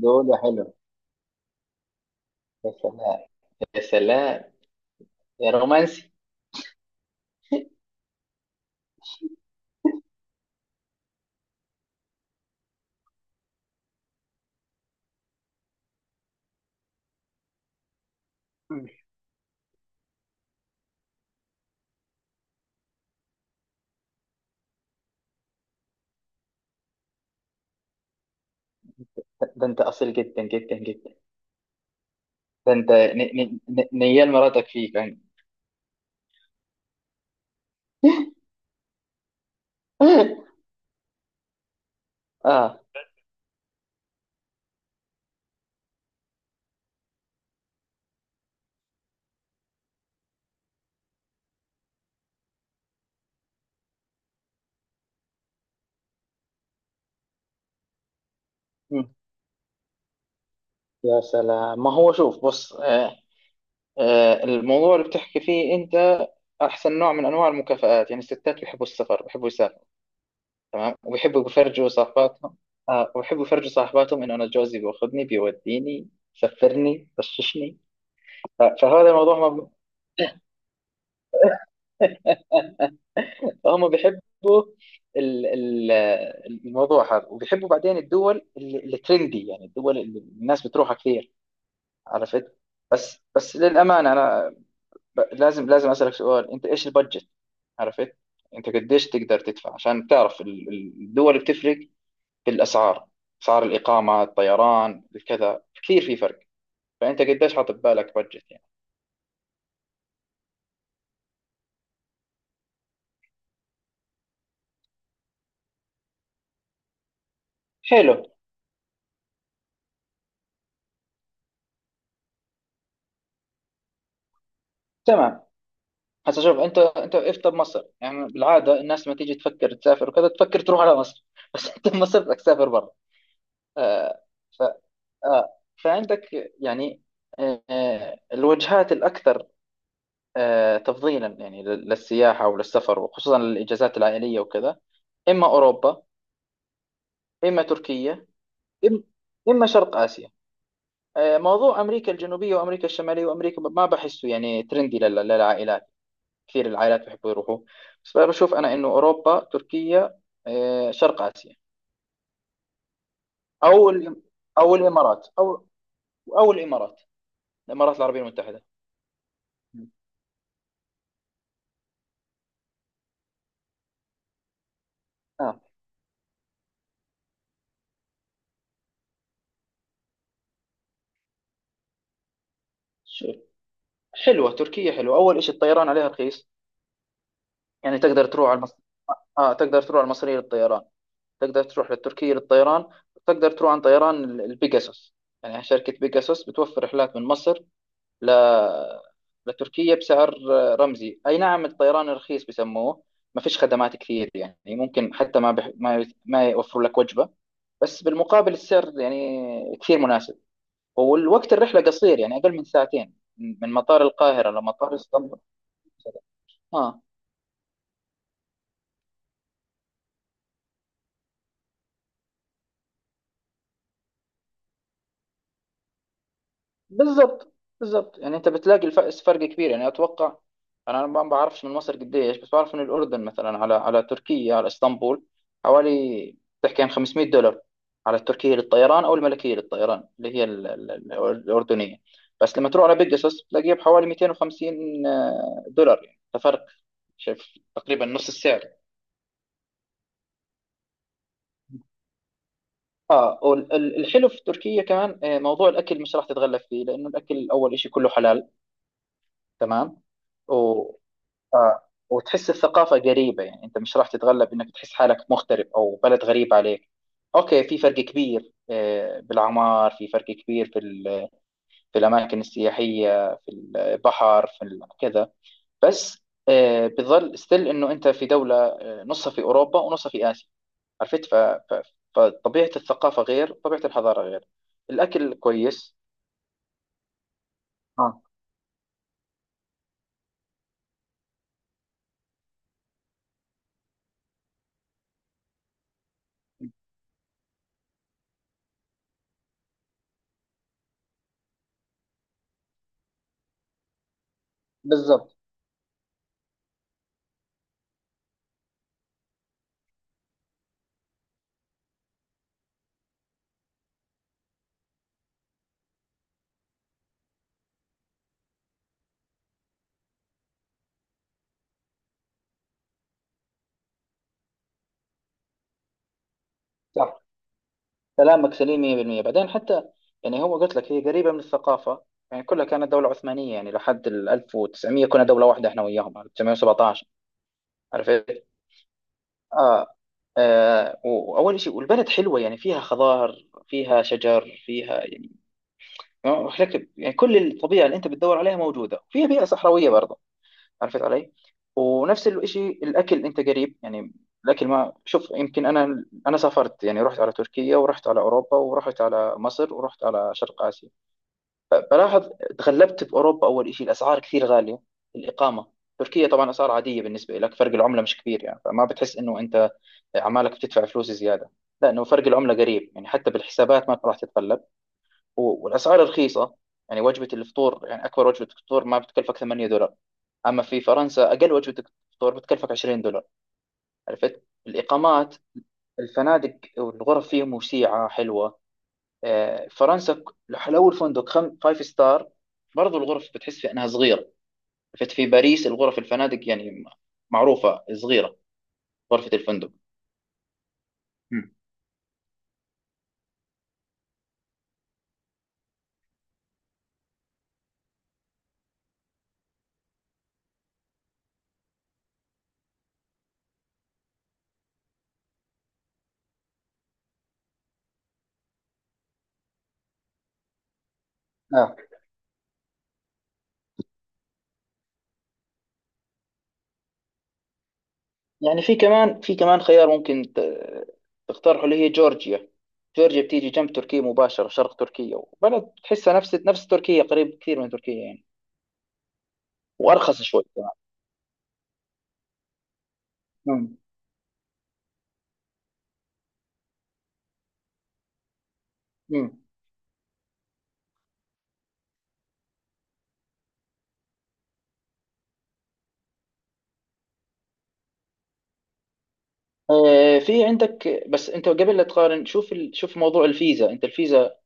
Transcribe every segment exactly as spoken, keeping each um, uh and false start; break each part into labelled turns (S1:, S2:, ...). S1: دول حلو. يا سلام. يا سلام. يا رومانسي. مم. ده انت اصيل جدا جدا جدا. ده انت ن- ن- ن- نيال مراتك فيك يعني. اه. مم. يا سلام، ما هو شوف بص آه، آه الموضوع اللي بتحكي فيه انت احسن نوع من انواع المكافآت، يعني الستات بيحبوا السفر بيحبوا يسافروا. تمام، وبيحبوا يفرجوا صاحباتهم. آه وبيحبوا يفرجوا صاحباتهم انه انا جوزي بياخذني بيوديني سفرني بششني. ف- فهذا الموضوع هم بيحبوا. ال- ال- الموضوع هذا، وبيحبوا بعدين الدول اللي ترندي، يعني الدول اللي الناس بتروحها كثير. عرفت؟ بس بس للأمانة أنا ب- لازم لازم أسألك سؤال، أنت إيش البادجت؟ عرفت؟ أنت قديش تقدر تدفع؟ عشان تعرف ال- ال- الدول بتفرق في الأسعار، أسعار الإقامة الطيران الكذا، كثير في فرق. فأنت قديش حاطط بالك بادجت يعني؟ حلو. تمام. هسا شوف انت انت وقفت بمصر، يعني بالعاده الناس لما تيجي تفكر تسافر وكذا تفكر تروح على مصر بس انت بمصر بدك تسافر برا. آه. ف آه فعندك يعني آه آه، الوجهات الاكثر آه تفضيلا يعني لل- للسياحه وللسفر، وخصوصا للاجازات العائليه وكذا. اما اوروبا، اما تركيا، إم- اما شرق اسيا. آه موضوع امريكا الجنوبيه وامريكا الشماليه وامريكا ما بحسه يعني ترندي لل- للعائلات، كثير العائلات بيحبوا يروحوا. بس بشوف أنا إنه أوروبا، تركيا، آه، شرق آسيا، أو الإم- أو الإمارات، أو أو الإمارات، الإمارات العربية المتحدة. م. آه. شو، حلوة تركيا حلوة، أول شيء الطيران عليها رخيص. يعني تقدر تروح على المص... آه تقدر تروح على المصرية للطيران، تقدر تروح للتركية للطيران، تقدر تروح عن طيران ال- البيجاسوس. يعني شركة بيجاسوس بتوفر رحلات من مصر ل... لتركيا بسعر رمزي. أي نعم الطيران رخيص بسموه، ما فيش خدمات كثير، يعني ممكن حتى ما بح... ما ما يوفروا لك وجبة، بس بالمقابل السعر يعني كثير مناسب. والوقت الرحلة قصير، يعني أقل من ساعتين من مطار القاهرة لمطار اسطنبول. اه بالظبط. بالظبط، يعني انت بتلاقي الفرق فرق كبير يعني. اتوقع انا ما بعرفش من مصر قديش، بس بعرف ان الاردن مثلا على على تركيا على اسطنبول حوالي، تحكي عن خمسمائة دولار على التركيه للطيران او الملكيه للطيران اللي هي ال- ال- ال- الاردنيه. بس لما تروح على بيجاسوس بتلاقيها بحوالي مئتين وخمسين دولار يعني. ففرق شايف تقريبا نص السعر. اه والحلو في تركيا كمان آه، موضوع الاكل مش راح تتغلب فيه لانه الاكل اول شيء كله حلال. تمام. آه وتحس الثقافة قريبة، يعني أنت مش راح تتغلب إنك تحس حالك مغترب أو بلد غريب عليك. أوكي في فرق كبير آه، بالأعمار، في فرق كبير في ال- في الأماكن السياحية في البحر في ال- كذا. بس آه، بتظل ستيل إنه أنت في دولة آه، نصها في أوروبا ونصها في آسيا. عرفت؟ ف- ف- فطبيعة الثقافة غير، طبيعة الحضارة غير، الأكل كويس. اه بالضبط. صح، كلامك سليم مية بالمية. بعدين حتى، يعني هو قلت لك هي قريبة من الثقافة، يعني كلها كانت دولة عثمانية، يعني لحد ال ألف وتسعمائة كنا دولة واحدة احنا وياهم ألف وتسعمية وسبعطعش. عرفت؟ اه, آه واول شيء والبلد حلوة، يعني فيها خضار فيها شجر فيها يعني. وحلك- يعني كل الطبيعة اللي انت بتدور عليها موجودة فيها، بيئة صحراوية برضه. عرفت علي؟ ونفس الشيء الاكل انت قريب يعني. الاكل ما شوف يمكن انا انا سافرت يعني، رحت على تركيا ورحت على اوروبا ورحت على مصر ورحت على شرق اسيا. صراحة تغلبت بأوروبا، أول شيء الأسعار كثير غالية، الإقامة. تركيا طبعا أسعار عادية بالنسبة لك، فرق العملة مش كبير يعني، فما بتحس إنه أنت عمالك بتدفع فلوس زيادة، لأنه فرق العملة قريب، يعني حتى بالحسابات ما راح تتقلب. و- والأسعار رخيصة. يعني وجبة الفطور، يعني أكبر وجبة فطور ما بتكلفك ثمانية دولار. أما في فرنسا أقل وجبة فطور بتكلفك عشرين دولار. عرفت الإقامات؟ الفنادق والغرف فيهم وسيعة حلوة. آه، فرنسا ك- لو الفندق خم... فايف ستار، برضو الغرف بتحس في انها صغيره. فت في باريس الغرف الفنادق يعني معروفه صغيره، غرفه الفندق. مم. آه. يعني في كمان في كمان خيار ممكن ت- تقترحه، اللي هي جورجيا. جورجيا بتيجي جنب تركيا مباشره شرق تركيا، وبلد تحسها نفس نفس تركيا، قريب كثير من تركيا يعني. وارخص شوي كمان. مم. مم. آه، في عندك، بس انت قبل لا تقارن شوف ال... شوف موضوع الفيزا. انت الفيزا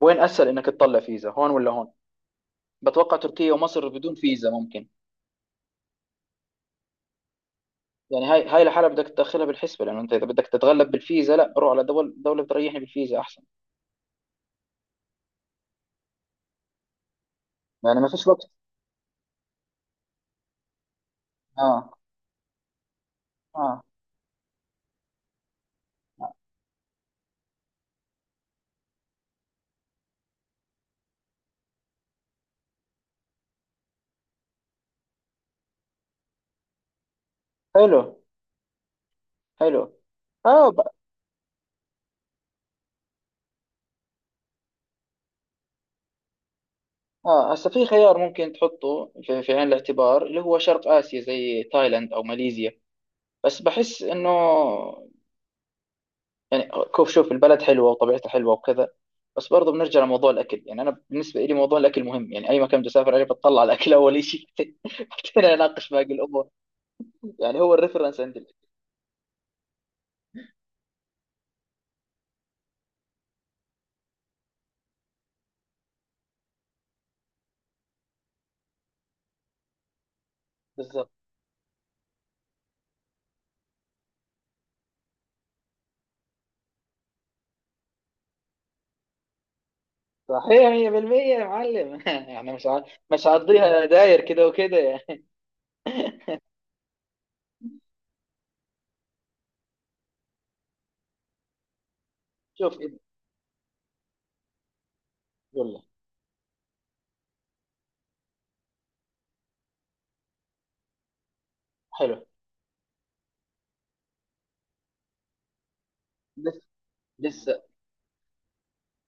S1: وين اسهل انك تطلع فيزا، هون ولا هون؟ بتوقع تركيا ومصر بدون فيزا ممكن. يعني هاي هاي الحالة بدك تدخلها بالحسبة، لأنه أنت إذا بدك تتغلب بالفيزا لا، روح على دول دولة بتريحني بالفيزا أحسن. يعني ما فيش وقت. آه. آه. آه. حلو. حلو. آه ب... آه هسا في خيار ممكن تحطه في، في عين الاعتبار، اللي هو شرق آسيا زي تايلاند أو ماليزيا. بس بحس إنه، يعني كوف شوف البلد حلوه وطبيعتها حلوه وكذا. بس برضه بنرجع لموضوع الاكل، يعني انا بالنسبه لي موضوع الاكل مهم يعني، اي مكان بدي اسافر عليه بتطلع على الاكل اول شيء بعدين اناقش باقي الامور. يعني هو الريفرنس عندي الأكل. بالضبط. صحيح مية بالمية يا معلم يعني مش ع... مش هقضيها داير كده وكده يعني. شوف إيه- يلا. حلو. لسه لسه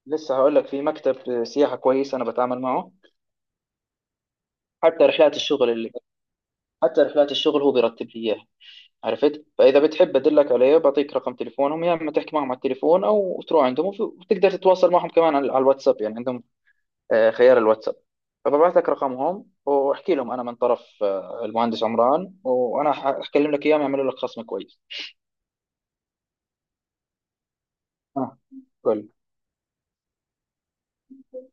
S1: لسه هقول لك في مكتب سياحه كويس انا بتعامل معه، حتى رحلات الشغل اللي، حتى رحلات الشغل هو بيرتب لي اياها. عرفت؟ فاذا بتحب ادلك عليه، بعطيك رقم تليفونهم يا اما تحكي معهم على التليفون او تروح عندهم، وفي- وتقدر تتواصل معهم كمان على على الواتساب، يعني عندهم آه، خيار الواتساب. فببعث لك رقمهم، واحكي لهم انا من طرف آه، المهندس عمران. وانا ح- حكلم لك اياهم يعملوا لك خصم كويس. اه قول.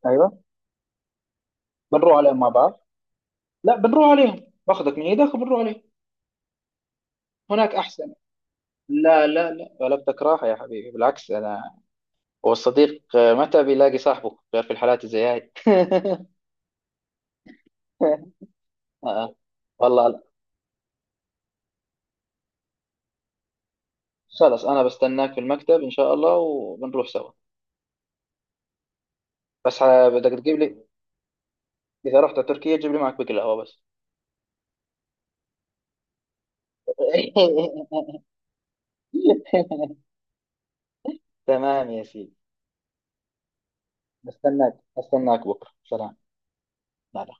S1: ايوه. بنروح عليهم مع بعض. لا بنروح عليهم، باخذك من ايدك وبنروح عليهم، هناك احسن. لا لا لا، غلبتك راحه يا حبيبي، بالعكس انا، هو الصديق آه، متى بيلاقي صاحبه غير في الحالات زي هاي آه. والله. خلاص انا بستناك في المكتب ان شاء الله وبنروح سوا. بس ه- بدك تجيب لي، اذا رحت على تركيا جيب لي معك بكل قهوة بس. تمام يا سيدي. بستناك استناك بكره، سلام. لا لا.